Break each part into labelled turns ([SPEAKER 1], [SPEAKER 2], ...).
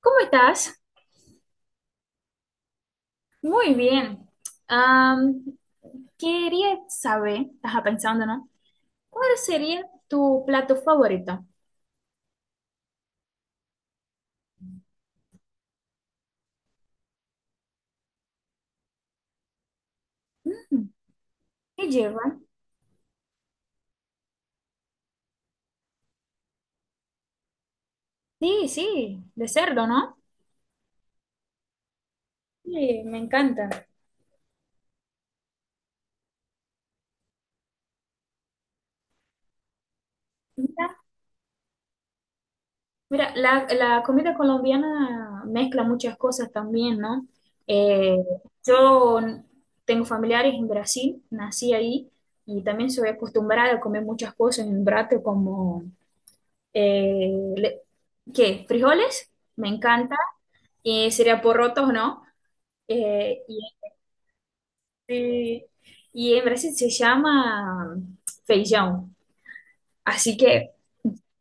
[SPEAKER 1] ¿Cómo estás? Muy bien. Am, quería saber, estaba pensando, ¿no? ¿Cuál sería tu plato favorito? Mm, ¿Qué lleva? Sí, sí, de cerdo, ¿no? Sí, me encanta. Mira, mira, la comida colombiana mezcla muchas cosas también, ¿no? Eh, yo tengo familiares en Brasil, nací ahí y también soy acostumbrada a comer muchas cosas en Brasil como... eh, le- ¿qué? Frijoles, me encanta, y sería porrotos, ¿no? Eh, y, este- y en Brasil se llama feijão, así que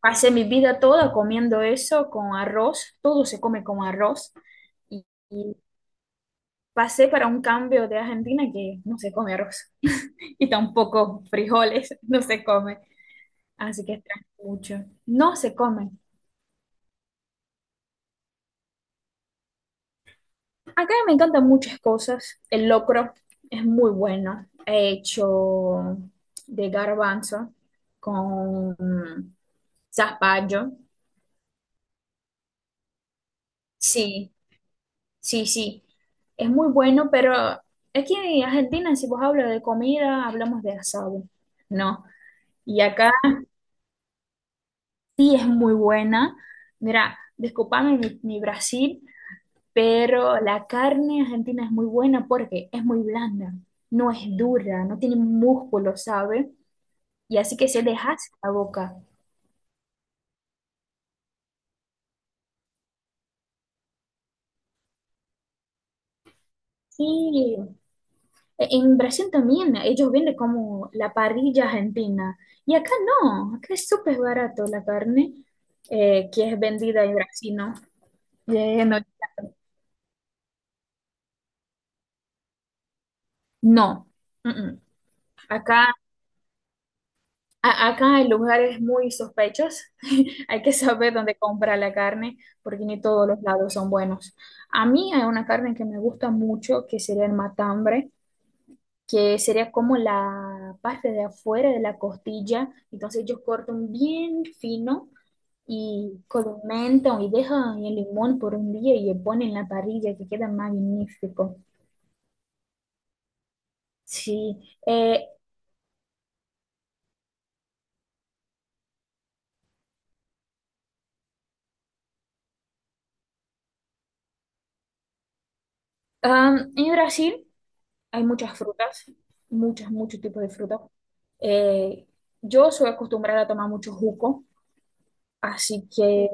[SPEAKER 1] pasé mi vida toda comiendo eso con arroz, todo se come con arroz, y pasé para un cambio de Argentina que no se come arroz, y tampoco frijoles, no se come, así que extraño mucho, no se come. Acá me encantan muchas cosas. El locro es muy bueno. He hecho de garbanzo con zapallo. Sí, sí, sí. Es muy bueno, pero aquí en Argentina, si vos hablas de comida, hablamos de asado. No. Y acá sí es muy buena. Mira, disculpame mi Brasil, pero la carne argentina es muy buena porque es muy blanda, no es dura, no tiene músculo, ¿sabes? Y así que se dejase la boca. Y en Brasil también ellos venden como la parrilla argentina. Y acá no, acá es súper barato la carne que es vendida en Brasil, ¿no? No, no. Mm, mm. Acá, acá hay lugares muy sospechosos. Hay que saber dónde comprar la carne porque ni todos los lados son buenos. A mí hay una carne que me gusta mucho que sería el matambre, que sería como la parte de afuera de la costilla. Entonces ellos cortan bien fino y condimentan y dejan el limón por un día y le ponen en la parrilla que queda magnífico. Sí, eh, en Brasil hay muchas frutas, muchas, muchos tipos de frutas. Eh, yo soy acostumbrada a tomar mucho jugo, así que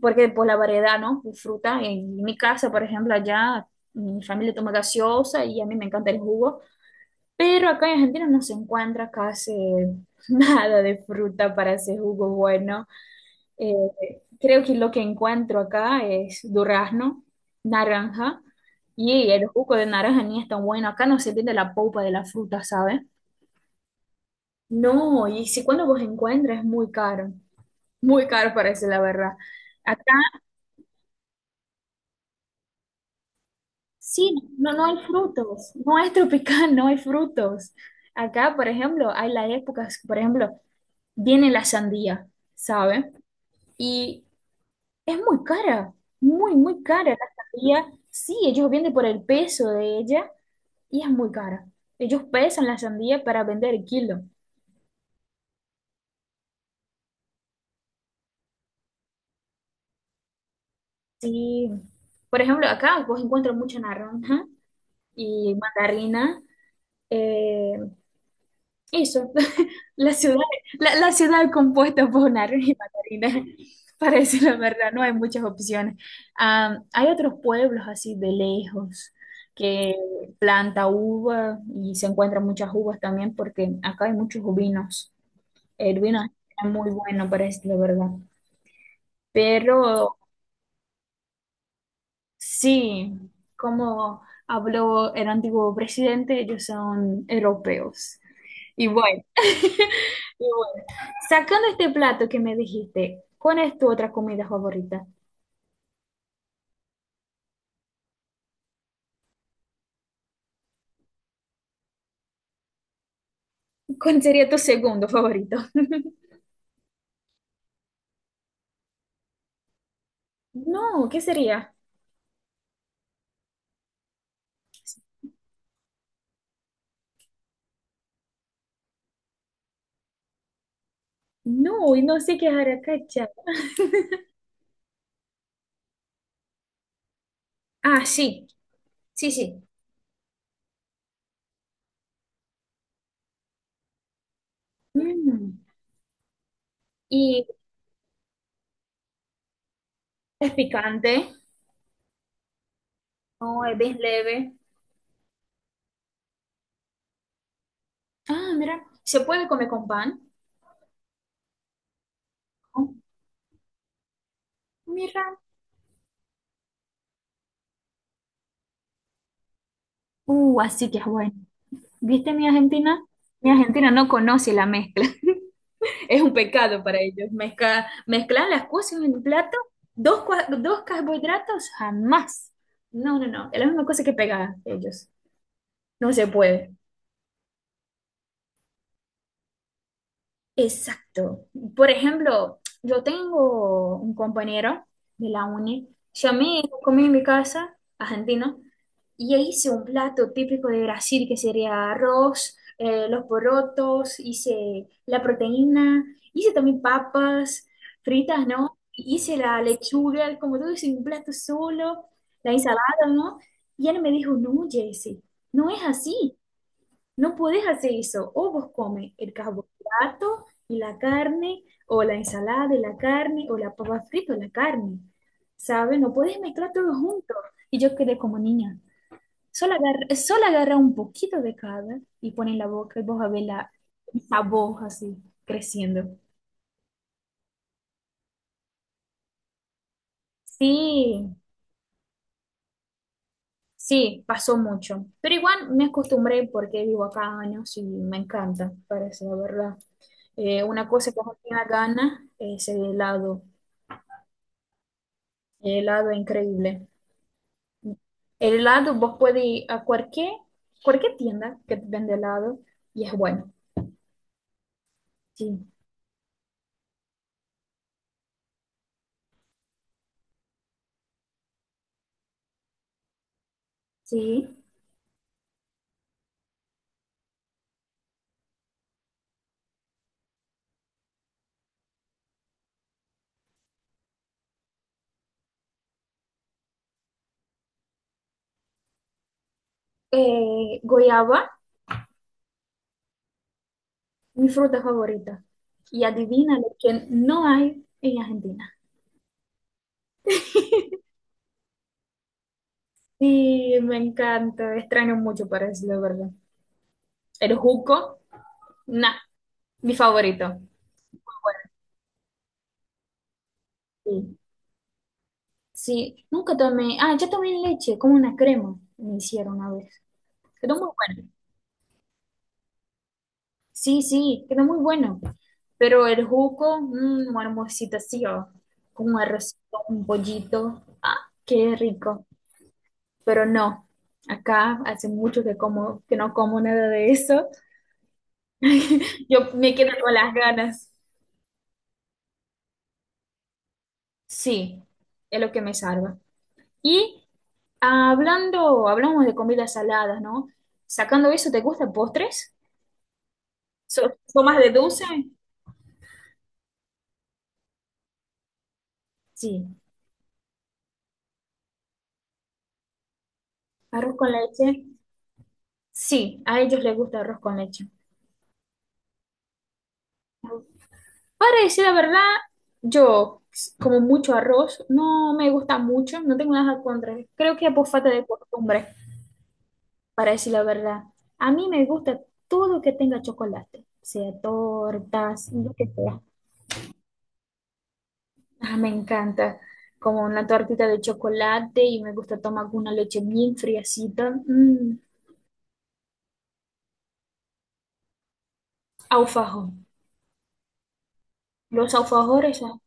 [SPEAKER 1] porque pues la variedad, ¿no? De fruta. En mi casa, por ejemplo, allá mi familia toma gaseosa y a mí me encanta el jugo, pero acá en Argentina no se encuentra casi nada de fruta para ese jugo bueno. Eh, creo que lo que encuentro acá es durazno, naranja, y el jugo de naranja ni es tan bueno. Acá no se entiende la polpa de la fruta, ¿sabes? No, y si cuando vos encuentras es muy caro parece la verdad. Sí, no, no hay frutos, no es tropical, no hay frutos. Acá, por ejemplo, hay las épocas, por ejemplo, viene la sandía, ¿sabe? Y es muy cara, muy, muy cara la sandía. Sí, ellos venden por el peso de ella y es muy cara. Ellos pesan la sandía para vender el kilo. Sí, por ejemplo, acá vos encuentras mucha naranja y mandarina, eh, eso, la ciudad, la ciudad compuesta por naranjas y mandarinas, para decir la verdad, no hay muchas opciones. Ah, hay otros pueblos así de lejos que planta uva y se encuentran muchas uvas también porque acá hay muchos vinos. El vino es muy bueno, para decir la verdad. Pero sí, como habló el antiguo presidente, ellos son europeos. Y bueno. Y bueno, sacando este plato que me dijiste, ¿cuál es tu otra comida favorita? ¿Cuál sería tu segundo favorito? No, ¿qué sería? No, y no sé qué es arracacha. Ah, sí, sí, sí. Mm, y es picante, no, es bien leve. Ah, mira, se puede comer con pan. Oh, mira. Así que es bueno. ¿Viste mi Argentina? Mi Argentina no conoce la mezcla. Es un pecado para ellos. Mezcla, mezclar las cosas en un plato, dos, dos carbohidratos, jamás. No, no, no. Es la misma cosa que pegar ellos. No se puede. Exacto. Por ejemplo, yo tengo un compañero de la uni, llamé, comí en mi casa, argentino, y hice un plato típico de Brasil que sería arroz, los porotos, hice la proteína, hice también papas fritas, ¿no? Hice la lechuga, como todo hice un plato solo, la ensalada, ¿no? Y él me dijo, no, Jesse, no es así. No podés hacer eso. O vos comes el carbohidrato y la carne, o la ensalada y la carne, o la papa frita y la carne. ¿Sabes? No podés mezclar todo junto. Y yo quedé como niña. Solo agarra un poquito de cada y pone en la boca y vos a ver la, el sabor así creciendo. Sí, sí, pasó mucho. Pero igual me acostumbré porque vivo acá años y me encanta, parece la verdad. Una cosa que no tenía ganas es el helado. Helado increíble. El helado, vos puedes ir a cualquier, cualquier tienda que te vende helado y es bueno. Sí, sí. Goyaba, mi fruta favorita. Y adivina lo que no hay en Argentina. Sí, me encanta. Extraño mucho para decirlo, de verdad. El juco, nah, mi favorito. Sí, sí. Nunca tomé. Ah, yo tomé leche, como una crema. Me hicieron una vez. Quedó muy bueno. Sí, sí, queda muy bueno. Pero el jugo, mm, una almuercito así, o con un arrocito, un pollito. Ah, qué rico. Pero no, acá hace mucho que como, que no como nada de eso. Yo me quedo con las ganas. Sí, es lo que me salva. Y hablando, hablamos de comidas saladas, ¿no? Sacando eso, ¿te gustan postres? ¿So, so más de dulce? Sí. Arroz con leche. Sí, a ellos les gusta arroz con leche. Para decir la verdad, yo como mucho arroz, no me gusta mucho, no tengo nada contra. Creo que es por falta de costumbre, para decir la verdad. A mí me gusta todo que tenga chocolate, sea tortas, lo que sea. Ah, me encanta, como una tortita de chocolate y me gusta tomar con una leche bien friacita. Mm, alfajor. Los alfajores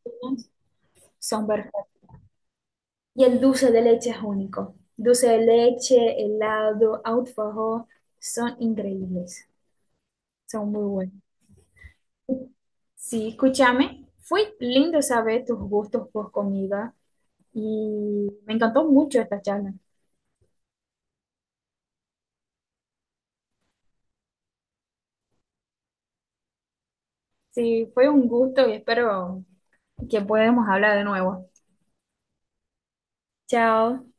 [SPEAKER 1] son perfectos. Y el dulce de leche es único. Dulce de leche, helado, alfajor, son increíbles. Son muy buenos. Sí, escúchame. Fue lindo saber tus gustos por comida y me encantó mucho esta charla. Sí, fue un gusto y espero que podamos hablar de nuevo. Chao.